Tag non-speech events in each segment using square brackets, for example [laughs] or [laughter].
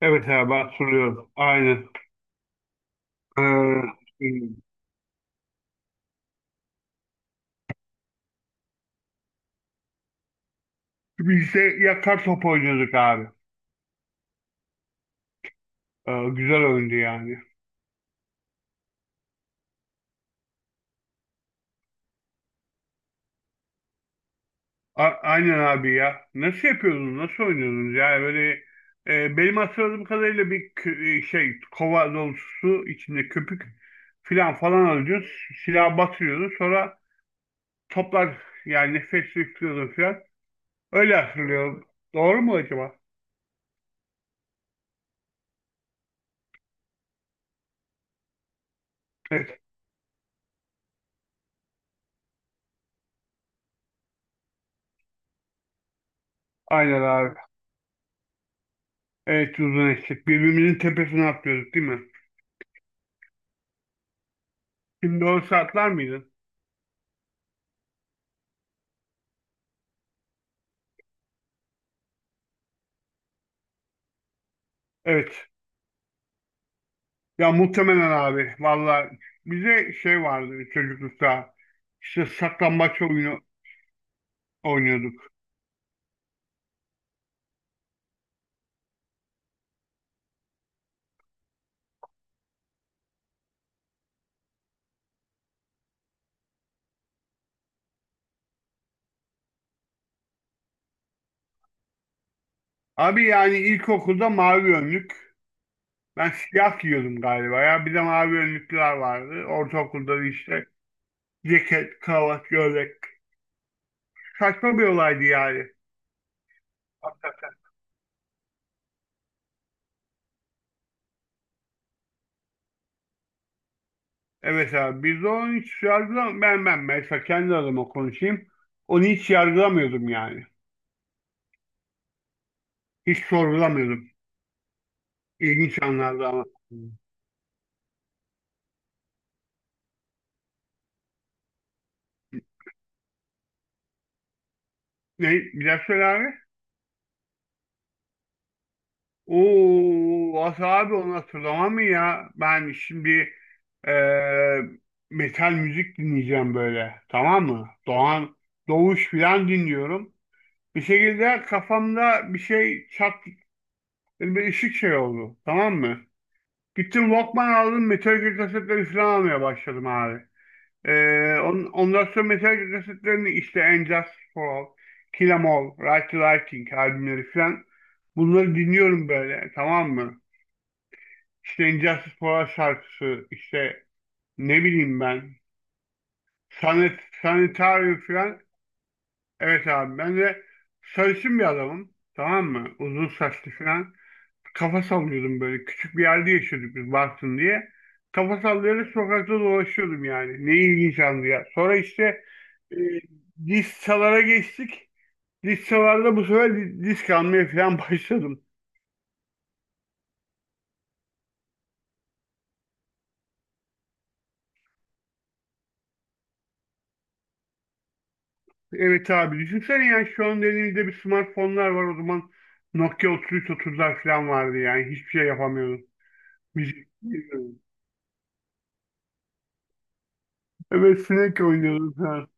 Evet abi hatırlıyorum. Aynen. Ee, Biz de yakar top oynuyorduk abi. Güzel oyundu yani. Aynen abi ya. Nasıl yapıyordunuz? Nasıl oynuyordunuz? Yani böyle benim hatırladığım kadarıyla bir şey kova dolusu su içinde köpük filan falan alıyordun. Silah batırıyordun. Sonra toplar yani nefes yüklüyordun filan. Öyle hatırlıyorum. Doğru mu acaba? Evet. Aynen abi. Evet, uzun eşek. Birbirimizin tepesine atlıyorduk değil mi? Şimdi o saatler miydin? Evet. Ya muhtemelen abi. Valla bize şey vardı çocuklukta. İşte saklambaç oyunu oynuyorduk. Abi yani ilkokulda mavi önlük. Ben siyah giyiyordum galiba ya. Bir de mavi önlüklüler vardı. Ortaokulda da işte ceket, kravat, gömlek. Saçma bir olaydı yani. Evet abi, biz de onu hiç yargılam ben mesela, kendi adıma konuşayım. Onu hiç yargılamıyordum yani. Hiç sorgulamıyordum. İlginç anlardı ama. Ne? Bir daha söyle abi. Oo, Asa abi, onu hatırlamam mı ya? Ben şimdi eee, metal müzik dinleyeceğim böyle. Tamam mı? Doğan, Doğuş filan dinliyorum. Bir şekilde kafamda bir şey çat, bir ışık şey oldu. Tamam mı? Gittim Walkman aldım, Metallica kasetleri filan almaya başladım abi. Ondan sonra mesela kasetlerini işte And Just For All, Kill 'Em All, Right to Lighting albümleri falan bunları dinliyorum böyle, tamam mı? İşte And Justice For All şarkısı, işte ne bileyim ben Sanet, Sanitarium falan, evet abi ben de sarışın bir adamım, tamam mı? Uzun saçlı falan. Kafa sallıyordum böyle. Küçük bir yerde yaşıyorduk biz, Bartın diye. Kafa sallayarak sokakta dolaşıyordum yani. Ne ilginç andı ya. Sonra işte e, disçalara geçtik. Disçalarda bu sefer disk almaya falan [laughs] başladım. Evet abi düşünsene ya, şu an elimizde bir smartfonlar var, o zaman Nokia 3330'lar falan vardı, yani hiçbir şey yapamıyordum. Müzik dinliyordum. Evet, sinek oynuyordum falan.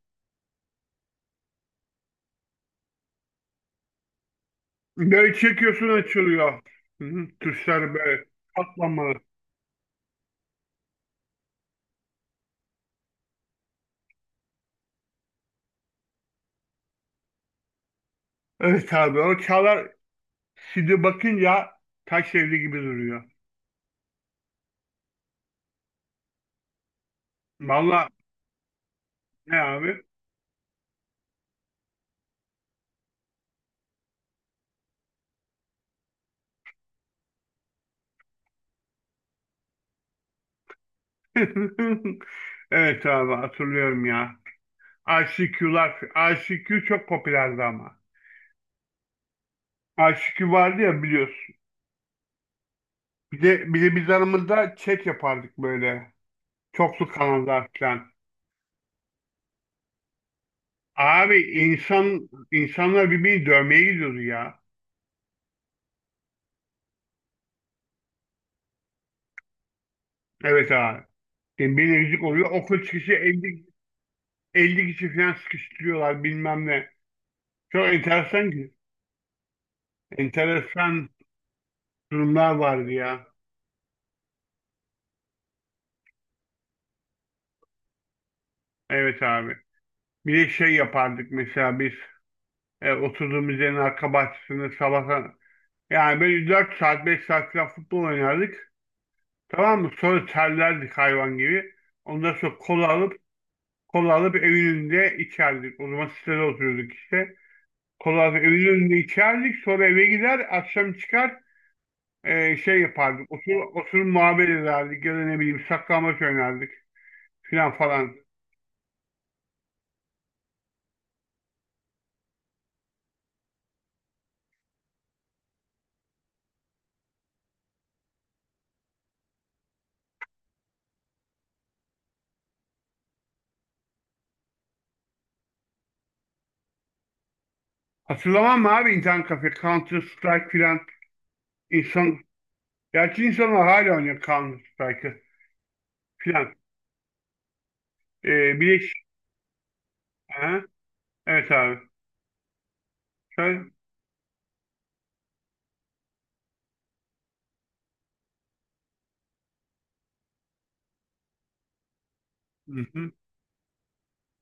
Böyle çekiyorsun, açılıyor. Hı hı, tuşlar böyle katlanmalı. Evet abi, o Çağlar şimdi bakınca taş evli gibi duruyor. Vallahi ne abi? [laughs] Evet abi hatırlıyorum ya. ICQ'lar, ICQ çok popülerdi ama. ICQ vardı ya, biliyorsun. Bir de biz aramızda chat yapardık böyle. Çoklu kanallar falan. Abi insanlar birbirini dövmeye gidiyordu ya. Evet abi. Yani bir rezillik oluyor. Okul çıkışı elli kişi falan sıkıştırıyorlar bilmem ne. Çok enteresan durumlar vardı ya. Evet abi. Bir de şey yapardık mesela biz oturduğumuz yerin arka bahçesinde sabah, yani böyle 4 saat 5 saat falan futbol oynardık. Tamam mı? Sonra terlerdik hayvan gibi. Ondan sonra kola alıp evin önünde içerdik. O zaman sitede oturuyorduk işte. Kola alıp evin önünde içerdik. Sonra eve gider, akşam çıkar şey yapardık. Oturup muhabbet ederdik ya da ne bileyim saklambaç oynardık filan falan. Hatırlamam mı abi, internet kafe, Counter Strike filan. İnsan, gerçi insanlar hala oynuyor Counter Strike'ı filan. Ee, bileş, ha? Evet abi. Söyle. Hı-hı.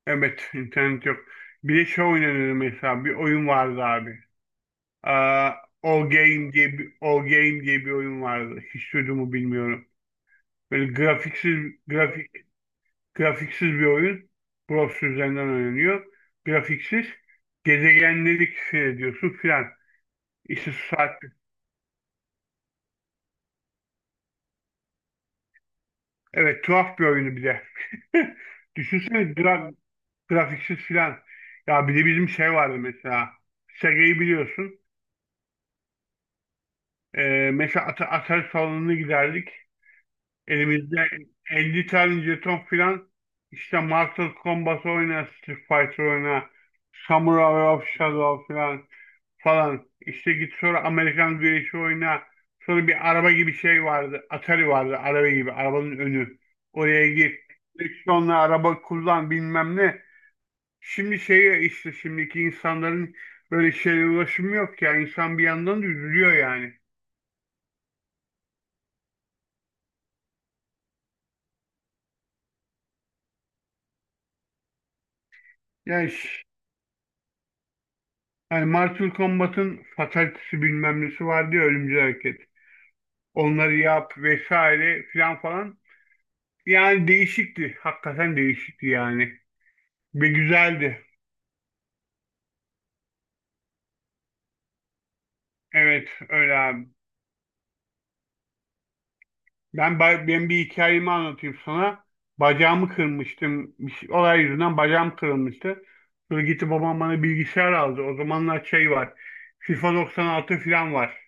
Evet, internet yok. Bileş oynanır mesela. Bir oyun vardı abi. Aa, All Game diye bir oyun vardı. Hiç duydun bilmiyorum. Böyle grafiksiz bir oyun. Browser üzerinden oynanıyor. Grafiksiz. Gezegenleri keşfediyorsun filan. İşte, evet, tuhaf bir oyunu bir de. [laughs] Düşünsene grafiksiz filan. Ya bir de bizim şey vardı mesela. Sega'yı biliyorsun. Mesela Atari salonuna giderdik. Elimizde 50 tane jeton filan. İşte Mortal Kombat oyna, Street Fighter oyna, Samurai of Shadow filan. İşte git sonra Amerikan güreşi oyna. Sonra bir araba gibi şey vardı. Atari vardı araba gibi. Arabanın önü. Oraya gir. Direksiyonla araba kullan bilmem ne. Şimdi şey işte, şimdiki insanların böyle şeye ulaşımı yok ya. İnsan bir yandan da üzülüyor yani. Yani, ş- yani Mortal Kombat'ın fatalitesi bilmem nesi vardı ya, ölümcül hareket. Onları yap vesaire filan falan. Yani değişikti. Hakikaten değişikti yani. Ve güzeldi. Evet, öyle abi. Ben bir hikayemi anlatayım sana. Bacağımı kırmıştım. Bir olay yüzünden bacağım kırılmıştı. Sonra gitti babam bana bilgisayar aldı. O zamanlar şey var. FIFA 96 falan var.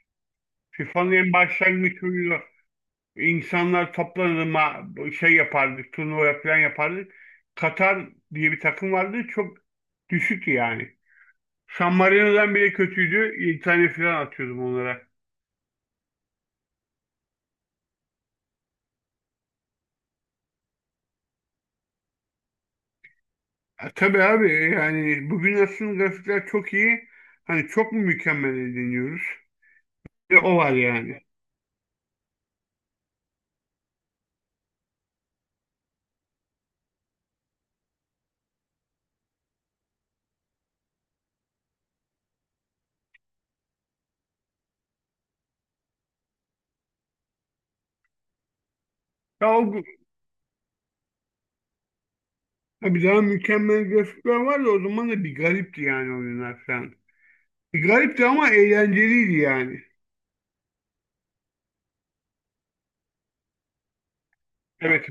FIFA'nın en başlangıç oyunu. İnsanlar toplanır şey yapardık. Turnuva falan yapardık. Katar diye bir takım vardı. Çok düşüktü yani. San Marino'dan bile kötüydü. 7 tane falan atıyordum onlara. Tabii abi, yani bugün aslında grafikler çok iyi. Hani çok mu mükemmel deniyoruz? O var yani. Ya o, tabii daha mükemmel grafikler vardı, o zaman da bir garipti yani oyunlar falan. Bir garipti ama eğlenceliydi yani. Evet,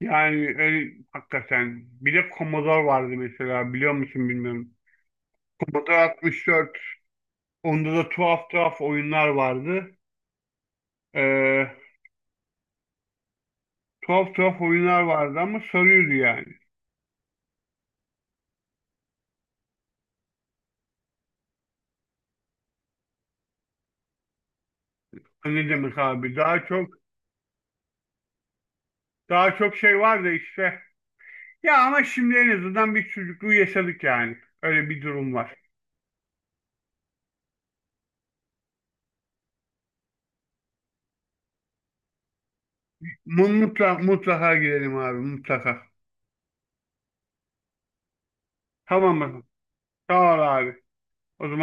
yani öyle, hakikaten. Bir de Commodore vardı mesela, biliyor musun bilmiyorum. Commodore 64. Onda da tuhaf tuhaf oyunlar vardı. E, Tuhaf tuhaf oyunlar vardı ama sarıyordu yani. Ne demek abi, daha çok. Daha çok şey var da işte. Ya ama şimdi en azından bir çocukluğu yaşadık yani. Öyle bir durum var. Mutlaka, mutlaka gidelim abi, mutlaka. Tamam mı? Sağ ol abi. O zaman